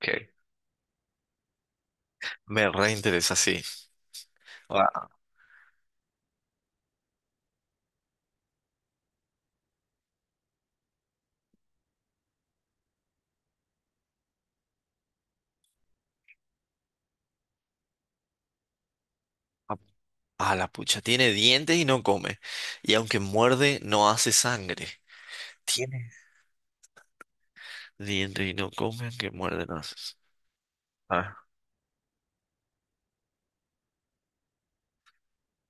Que me reinteresa, sí. A, a- la pucha, tiene dientes y no come. Y aunque muerde, no hace sangre. Tiene dientes y no come, aunque muerde, no hace. Ah,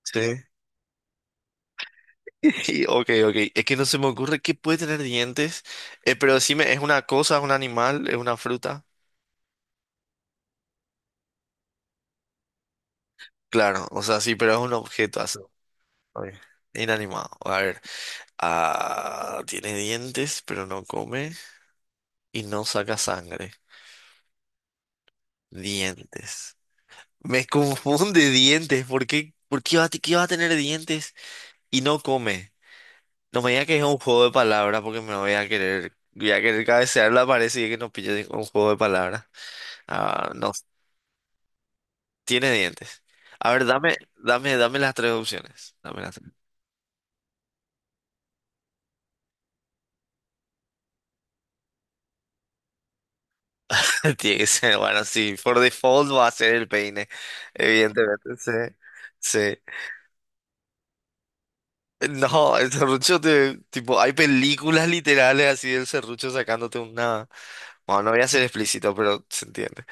sí. Ok, ok. Es que no se me ocurre qué puede tener dientes. Pero decime, ¿es una cosa, es un animal, es una fruta? Claro, o sea, sí, pero es un objeto así. Ok. Inanimado. A ver. Ah, tiene dientes, pero no come y no saca sangre. Dientes. Me confunde dientes. ¿Por qué? ¿Por qué vas a tener dientes y no come? No me digas que es un juego de palabras porque me voy a querer cabecear la pared si es que no pille un juego de palabras. Ah, no, tiene dientes. A ver, dame, dame, dame las tres opciones. Dame las tres. Tiene que ser, bueno, sí, por default va a ser el peine, evidentemente, sí, sí. No, el serrucho te, tipo, hay películas literales así del serrucho sacándote una. Bueno, no voy a ser explícito, pero se entiende.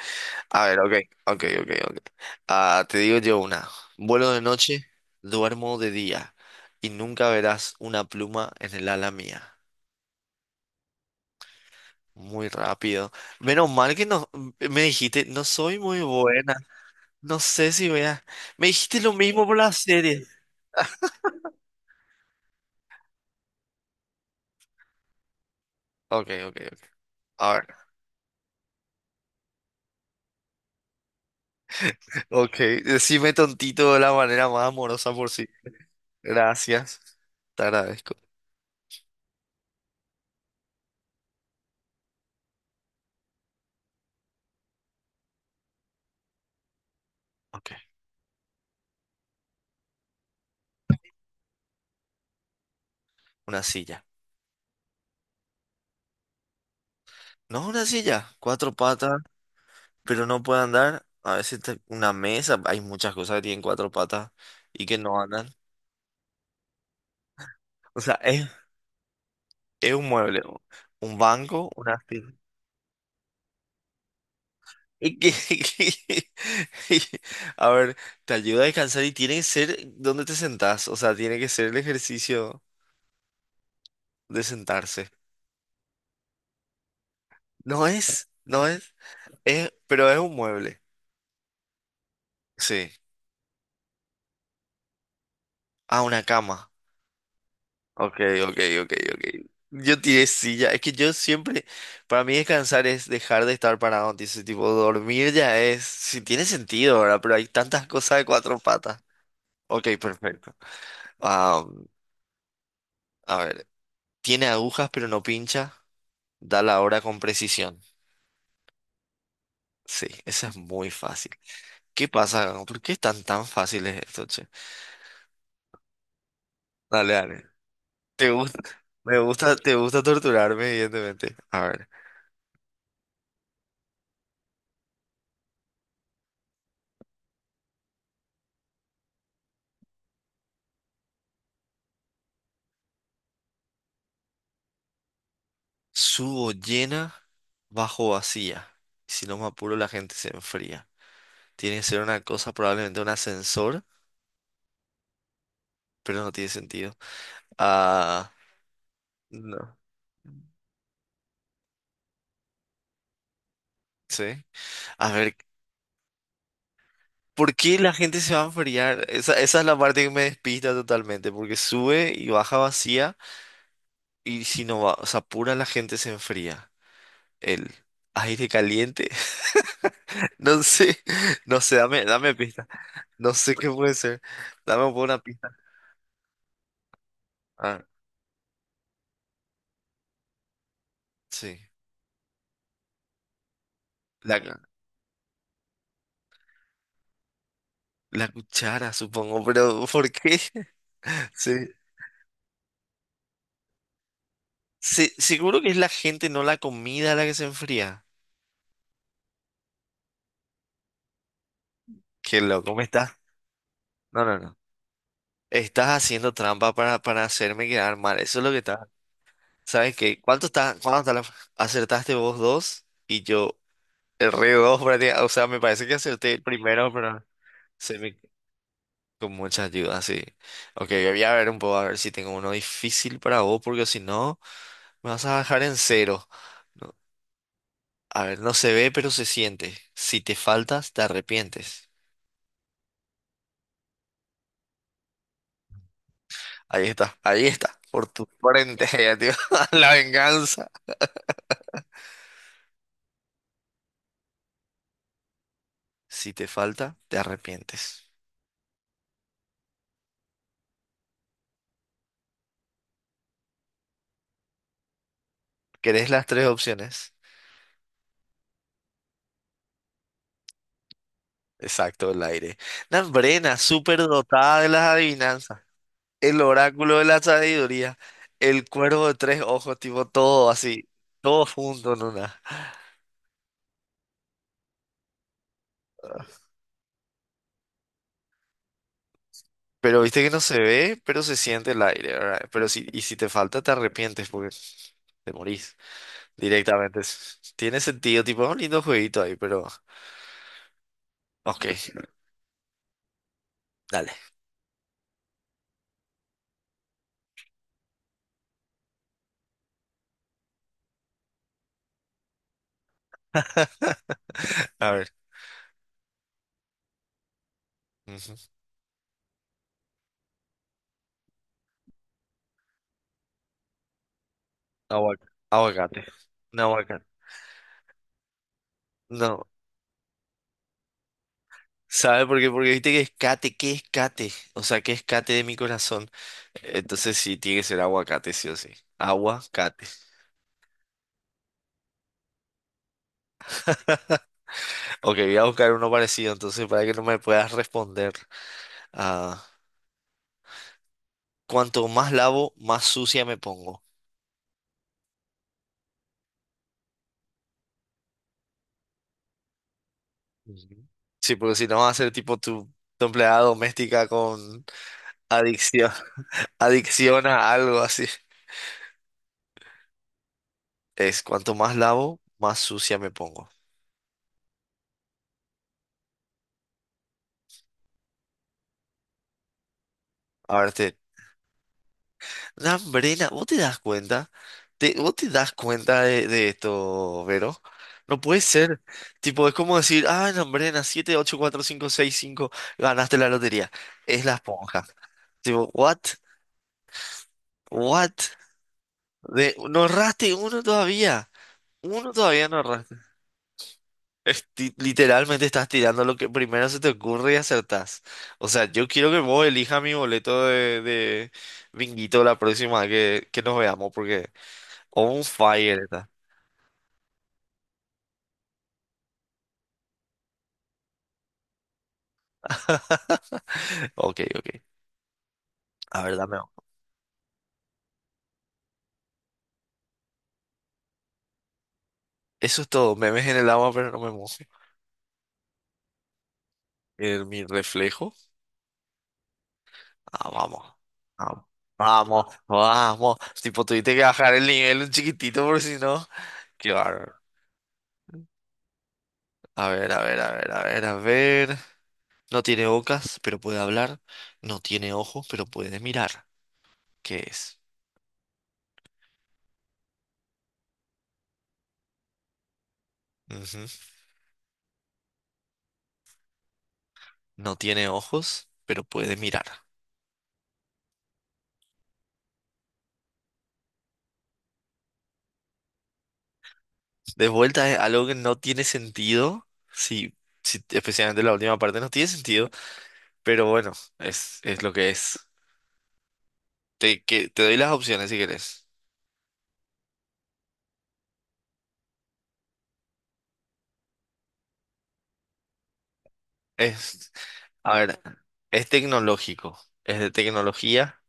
A ver, ok, ok, ok, ok. Ah, te digo yo una. Vuelo de noche, duermo de día y nunca verás una pluma en el ala mía. Muy rápido. Menos mal que no me dijiste, no soy muy buena. No sé si veas. Me dijiste lo mismo por la serie. Ok, ok, ok. A ver. Ok, decime tontito de la manera más amorosa por sí. Gracias, te agradezco. Ok, una silla. No, una silla, cuatro patas, pero no puede andar. A veces te- una mesa, hay muchas cosas que tienen cuatro patas y que no andan. O sea, es un mueble, un banco, una silla. Y que- y- A ver, te ayuda a descansar y tiene que ser donde te sentás. O sea, tiene que ser el ejercicio de sentarse. No es, no es. Es, pero es un mueble. Sí. Ah, una cama. Ok, ok, ok, ok. Yo tiré silla. Es que yo siempre, para mí descansar es dejar de estar parado. Dice, tipo, dormir ya es, si tiene sentido, ¿verdad? Pero hay tantas cosas de cuatro patas. Ok, perfecto. Ah, a ver, tiene agujas pero no pincha. Da la hora con precisión. Sí, esa es muy fácil. ¿Qué pasa? ¿Por qué están tan fáciles esto, che? Dale, dale. Te gusta, me gusta, te gusta torturarme, evidentemente. A ver, subo llena, bajo vacía. Si no me apuro, la gente se enfría. Tiene que ser una cosa, probablemente un ascensor, pero no tiene sentido. Ah, no. Sí. A ver, ¿por qué la gente se va a enfriar? Esa es la parte que me despista totalmente, porque sube y baja vacía, y si no va, se apura, la gente se enfría. El aire caliente. No sé, no sé, dame, dame pista. No sé qué puede ser. Dame por una pista. Ah, sí. La, la cuchara, supongo, pero ¿por qué? Sí. Sí, seguro que es la gente, no la comida la que se enfría. Qué loco, ¿me estás? No, no, no. Estás haciendo trampa para hacerme quedar mal. Eso es lo que está. ¿Sabes qué? ¿Cuánto está? ¿Cuánto está la- Acertaste vos dos y yo erré dos prácticamente. O sea, me parece que acerté el primero, pero se me... Con mucha ayuda, sí. Ok, voy a ver un poco a ver si tengo uno difícil para vos, porque si no. Me vas a dejar en cero. No, a ver, no se ve, pero se siente. Si te faltas, te arrepientes. Ahí está, ahí está. Por tu frente, ya, tío. La venganza. Si te falta, te arrepientes. ¿Querés las tres opciones? Exacto, el aire. Nambrena, súper dotada de las adivinanzas. El oráculo de la sabiduría. El cuervo de tres ojos, tipo todo así. Todo junto en una. Pero viste que no se ve, pero se siente el aire, ¿verdad? Pero si, y si te falta, te arrepientes porque te morís directamente. Tiene sentido, tipo, un lindo jueguito ahí, pero. Ok, dale. A ver. Ujú. Aguacate. Aguacate. No, aguacate. No. ¿Sabe por qué? Porque viste que es cate, ¿qué es cate? O sea, ¿qué es cate de mi corazón? Entonces sí, tiene que ser aguacate, sí o sí. Aguacate. Ok, voy a buscar uno parecido, entonces, para que no me puedas responder. Cuanto más lavo, más sucia me pongo. Ujú. Sí, porque si no vas a ser tipo tu empleada doméstica con adicción, adicción a algo así. Es cuanto más lavo, más sucia me pongo. A ver, te... Lambrena, ¿vos te das cuenta? ¿ vos te das cuenta de, esto, Vero? No puede ser. Tipo, es como decir, ah, Lambrena, 7, 8, 4, 5, 6, 5, ganaste la lotería. Es la esponja. Tipo, what? What? De, no erraste uno todavía. Uno todavía no erraste. Esti- literalmente estás tirando lo que primero se te ocurre y acertás. O sea, yo quiero que vos elijas mi boleto de, binguito la próxima vez que nos veamos, porque on fire está. Ok, ok. A ver, dame. Eso es todo. Me ves en el agua, pero no me mojo. En mi reflejo. Ah, vamos. Ah, vamos, vamos. Tipo, tuviste que bajar el nivel un chiquitito, porque si no. Qué bárbaro. A ver, a ver, a ver, a ver, a ver. No tiene bocas, pero puede hablar. No tiene ojos, pero puede mirar. ¿Qué es? Ujú. No tiene ojos, pero puede mirar. De vuelta es algo que no tiene sentido. Sí, sí, especialmente la última parte no tiene sentido. Pero bueno, es lo que es. Te doy las opciones si querés. Es, a ver, es, tecnológico. Es de tecnología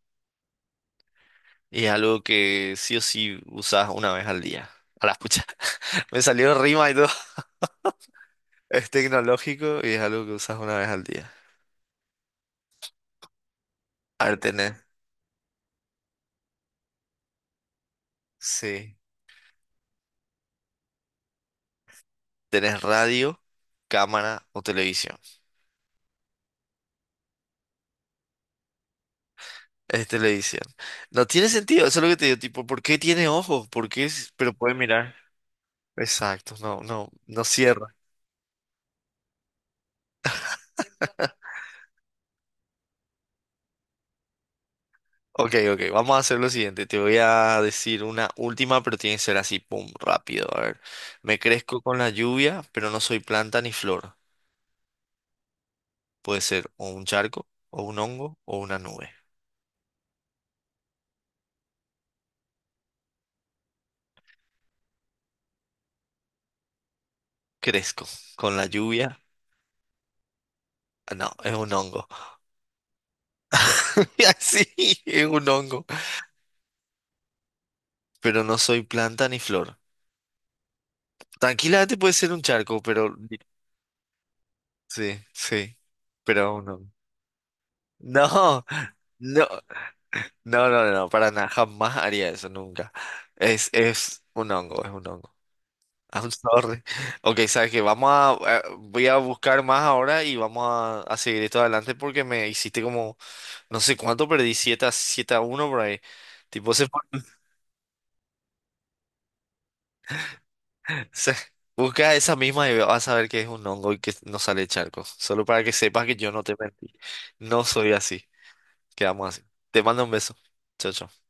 y es algo que sí o sí usas una vez al día. A la pucha. Me salió rima y todo. Es tecnológico y es algo que usas una vez al día. A ver, tenés. Sí. Tenés radio, cámara o televisión. Es televisión. No tiene sentido, eso es lo que te digo. Tipo, ¿por qué tiene ojos? ¿Por qué? Pero puede mirar. Exacto, no, no, no cierra. Ok, ok, vamos a hacer lo siguiente. Te voy a decir una última, pero tiene que ser así, pum, rápido. A ver, me crezco con la lluvia, pero no soy planta ni flor. Puede ser o un charco, o un hongo, o una nube. Crezco. Con la lluvia, ah, no, es un hongo. Así, es un hongo. Pero no soy planta ni flor. Tranquilamente puede ser un charco, pero sí, sí, pero un hongo. No, no, no, no, no, no, para nada, jamás haría eso, nunca. es, un hongo, es un hongo. I'm sorry. Ok, sabes que vamos a, voy a buscar más ahora y vamos a seguir esto adelante porque me hiciste como, no sé cuánto, perdí 7-1 por ahí. Tipo, se. Sí. Busca esa misma y vas a ver que es un hongo y que no sale charco. Solo para que sepas que yo no te mentí. No soy así. Quedamos así. Te mando un beso. Chao, chao.